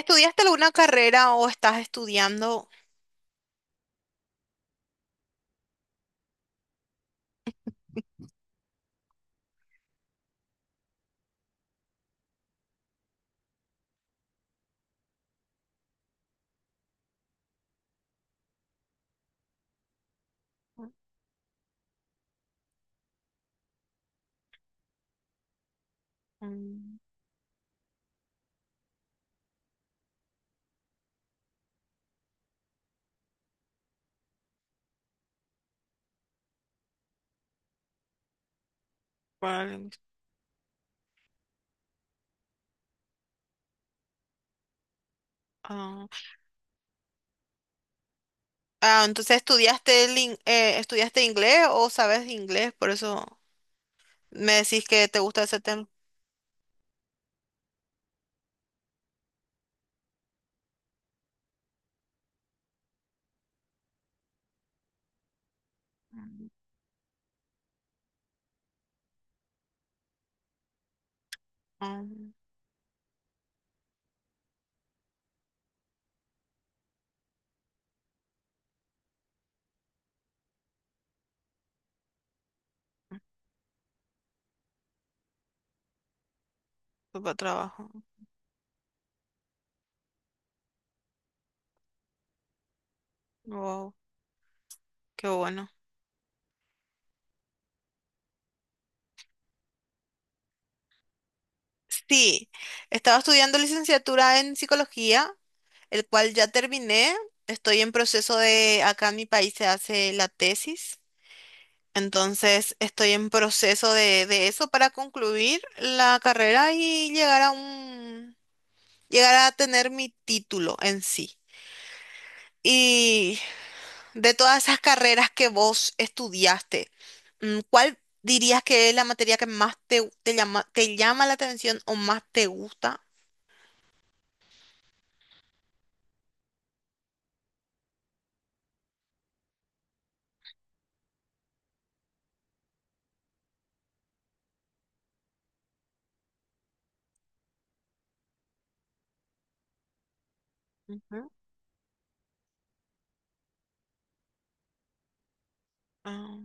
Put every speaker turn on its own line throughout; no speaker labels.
¿Estudiaste alguna carrera o estás estudiando? Mm, vale. Ah, ah, entonces estudiaste estudiaste inglés o sabes inglés, por eso me decís que te gusta ese tema. Mm. Ah, para trabajo. Wow, qué bueno. Sí, estaba estudiando licenciatura en psicología, el cual ya terminé. Estoy en proceso de acá en mi país se hace la tesis, entonces estoy en proceso de eso para concluir la carrera y llegar a llegar a tener mi título en sí. Y de todas esas carreras que vos estudiaste, ¿cuál dirías que es la materia que más te llama la atención o más te gusta? Ujú. Ah,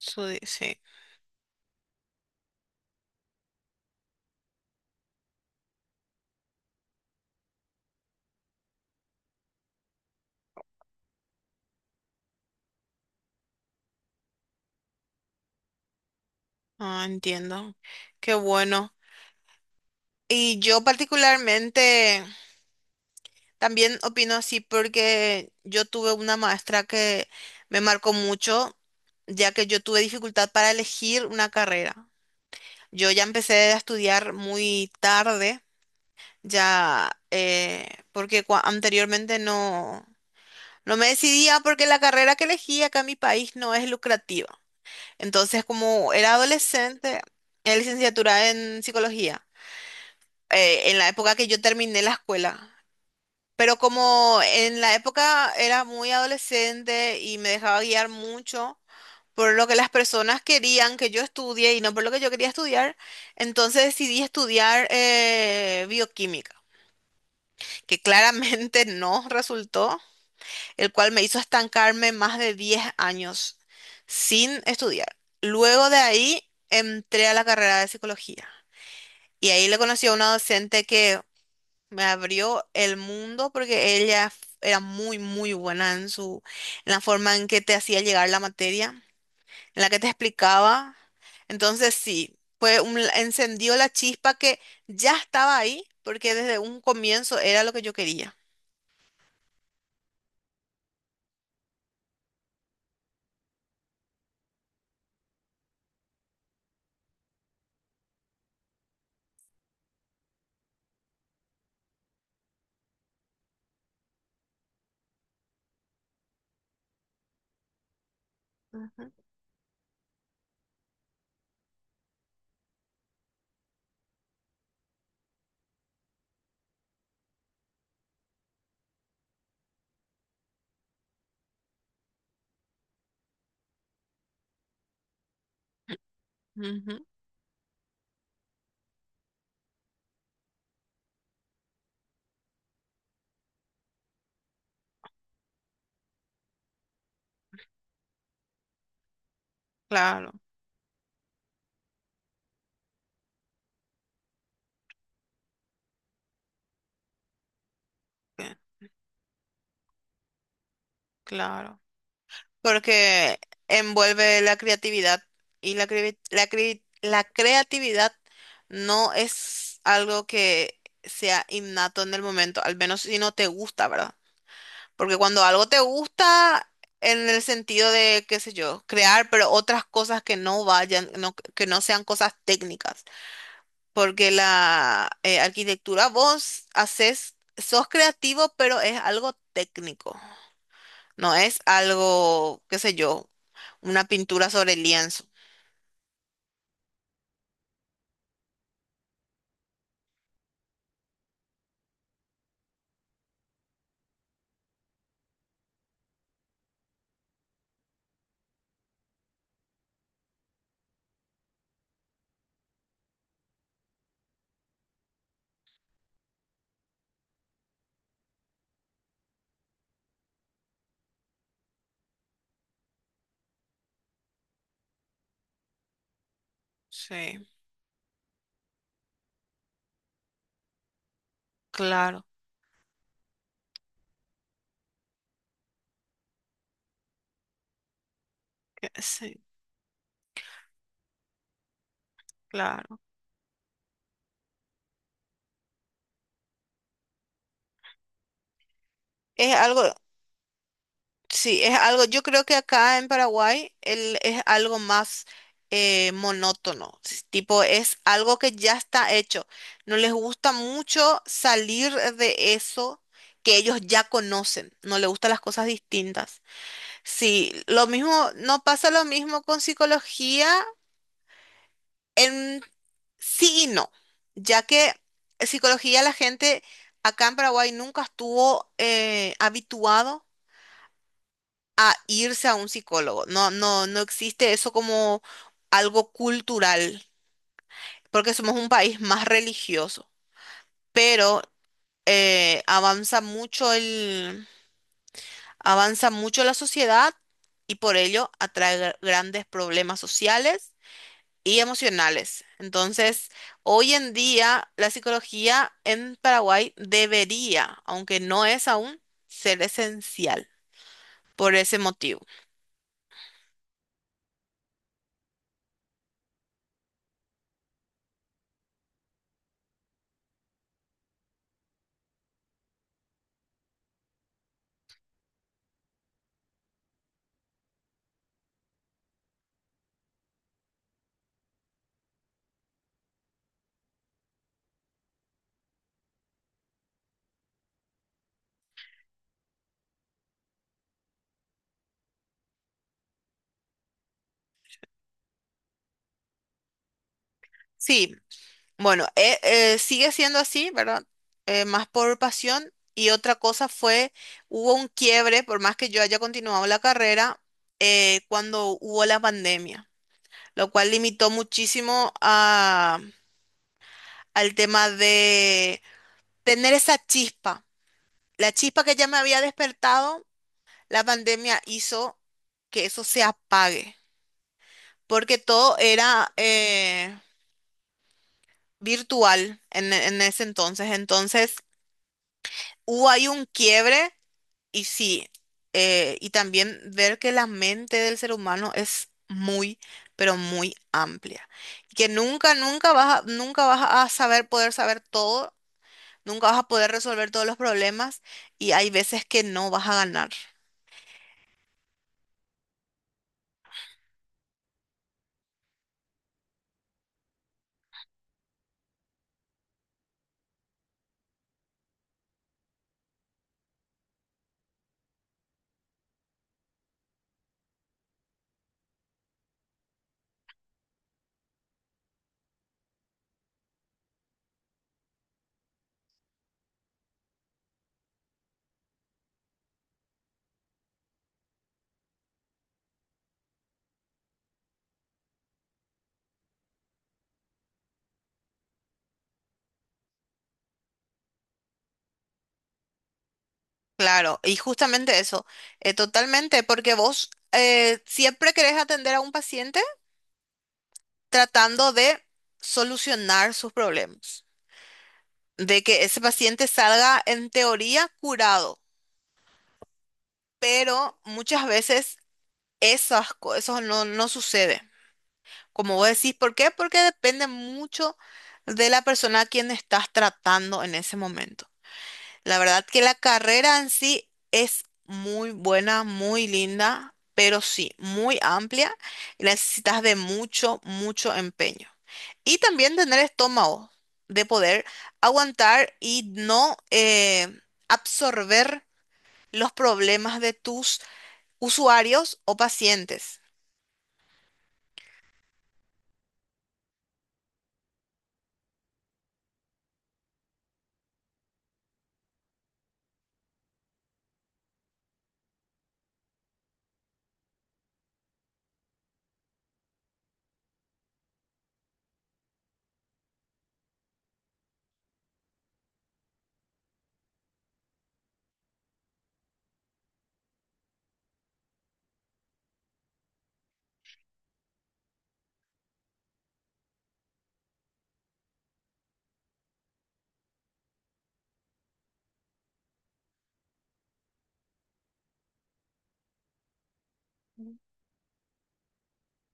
eso sí. Ah, entiendo. Qué bueno. Y yo particularmente también opino así porque yo tuve una maestra que me marcó mucho, ya que yo tuve dificultad para elegir una carrera. Yo ya empecé a estudiar muy tarde. Ya, eh, Porque anteriormente no me decidía porque la carrera que elegí acá en mi país no es lucrativa. Entonces, como era adolescente, era licenciatura en psicología, en la época que yo terminé la escuela. Pero como en la época era muy adolescente y me dejaba guiar mucho por lo que las personas querían que yo estudie y no por lo que yo quería estudiar, entonces decidí estudiar bioquímica, que claramente no resultó, el cual me hizo estancarme más de 10 años sin estudiar. Luego de ahí entré a la carrera de psicología y ahí le conocí a una docente que me abrió el mundo porque era muy, muy buena en en la forma en que te hacía llegar la materia, en la que te explicaba. Entonces sí, encendió la chispa que ya estaba ahí porque desde un comienzo era lo que yo quería. Ujú. Claro, que- claro. Porque envuelve la creatividad y la creatividad no es algo que sea innato en el momento, al menos si no te gusta, ¿verdad? Porque cuando algo te gusta en el sentido de, qué sé yo, crear, pero otras cosas que no que no sean cosas técnicas. Porque la arquitectura vos haces, sos creativo, pero es algo técnico. No es algo, qué sé yo, una pintura sobre lienzo. Sí, claro, que sí, claro. Es algo, sí, es algo, yo creo que acá en Paraguay es algo más monótono, tipo es algo que ya está hecho. No les gusta mucho salir de eso que ellos ya conocen, no les gustan las cosas distintas. Sí, lo mismo, no pasa lo mismo con psicología en sí y no, ya que psicología la gente acá en Paraguay nunca estuvo habituado a irse a un psicólogo. No, no, no existe eso como algo cultural, porque somos un país más religioso. Pero eh, avanza mucho el, avanza mucho la sociedad y por ello atrae grandes problemas sociales y emocionales. Entonces, hoy en día la psicología en Paraguay debería, aunque no es aún, ser esencial por ese motivo. Sí, bueno, sigue siendo así, ¿verdad? Más por pasión. Y otra cosa fue, hubo un quiebre, por más que yo haya continuado la carrera, cuando hubo la pandemia, lo cual limitó muchísimo al tema de tener esa chispa. La chispa que ya me había despertado, la pandemia hizo que eso se apague, porque todo era virtual en ese entonces. Entonces, hubo ahí un quiebre. Y sí, y también ver que la mente del ser humano es muy, pero muy amplia. Y que nunca, nunca vas a saber poder saber todo, nunca vas a poder resolver todos los problemas y hay veces que no vas a ganar. Claro, y justamente eso, totalmente, porque vos siempre querés atender a un paciente tratando de solucionar sus problemas, de que ese paciente salga en teoría curado. Pero muchas veces esas cosas no sucede. Como vos decís, ¿por qué? Porque depende mucho de la persona a quien estás tratando en ese momento. La verdad que la carrera en sí es muy buena, muy linda, pero sí, muy amplia y necesitas de mucho, mucho empeño. Y también tener estómago de poder aguantar y no absorber los problemas de tus usuarios o pacientes.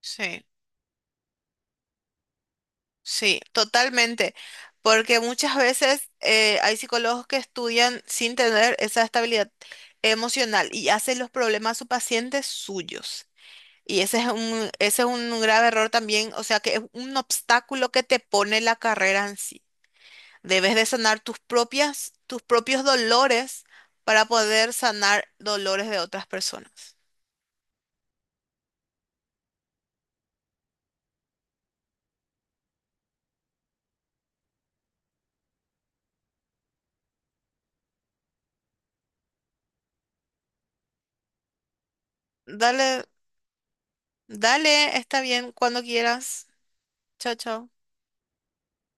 Sí, sí, totalmente, porque muchas veces hay psicólogos que estudian sin tener esa estabilidad emocional y hacen los problemas a sus pacientes suyos. Y ese es ese es un grave error también, o sea que es un obstáculo que te pone la carrera en sí. Debes de sanar tus propias, tus propios dolores para poder sanar dolores de otras personas. Dale, dale, está bien, cuando quieras. Chao, chao.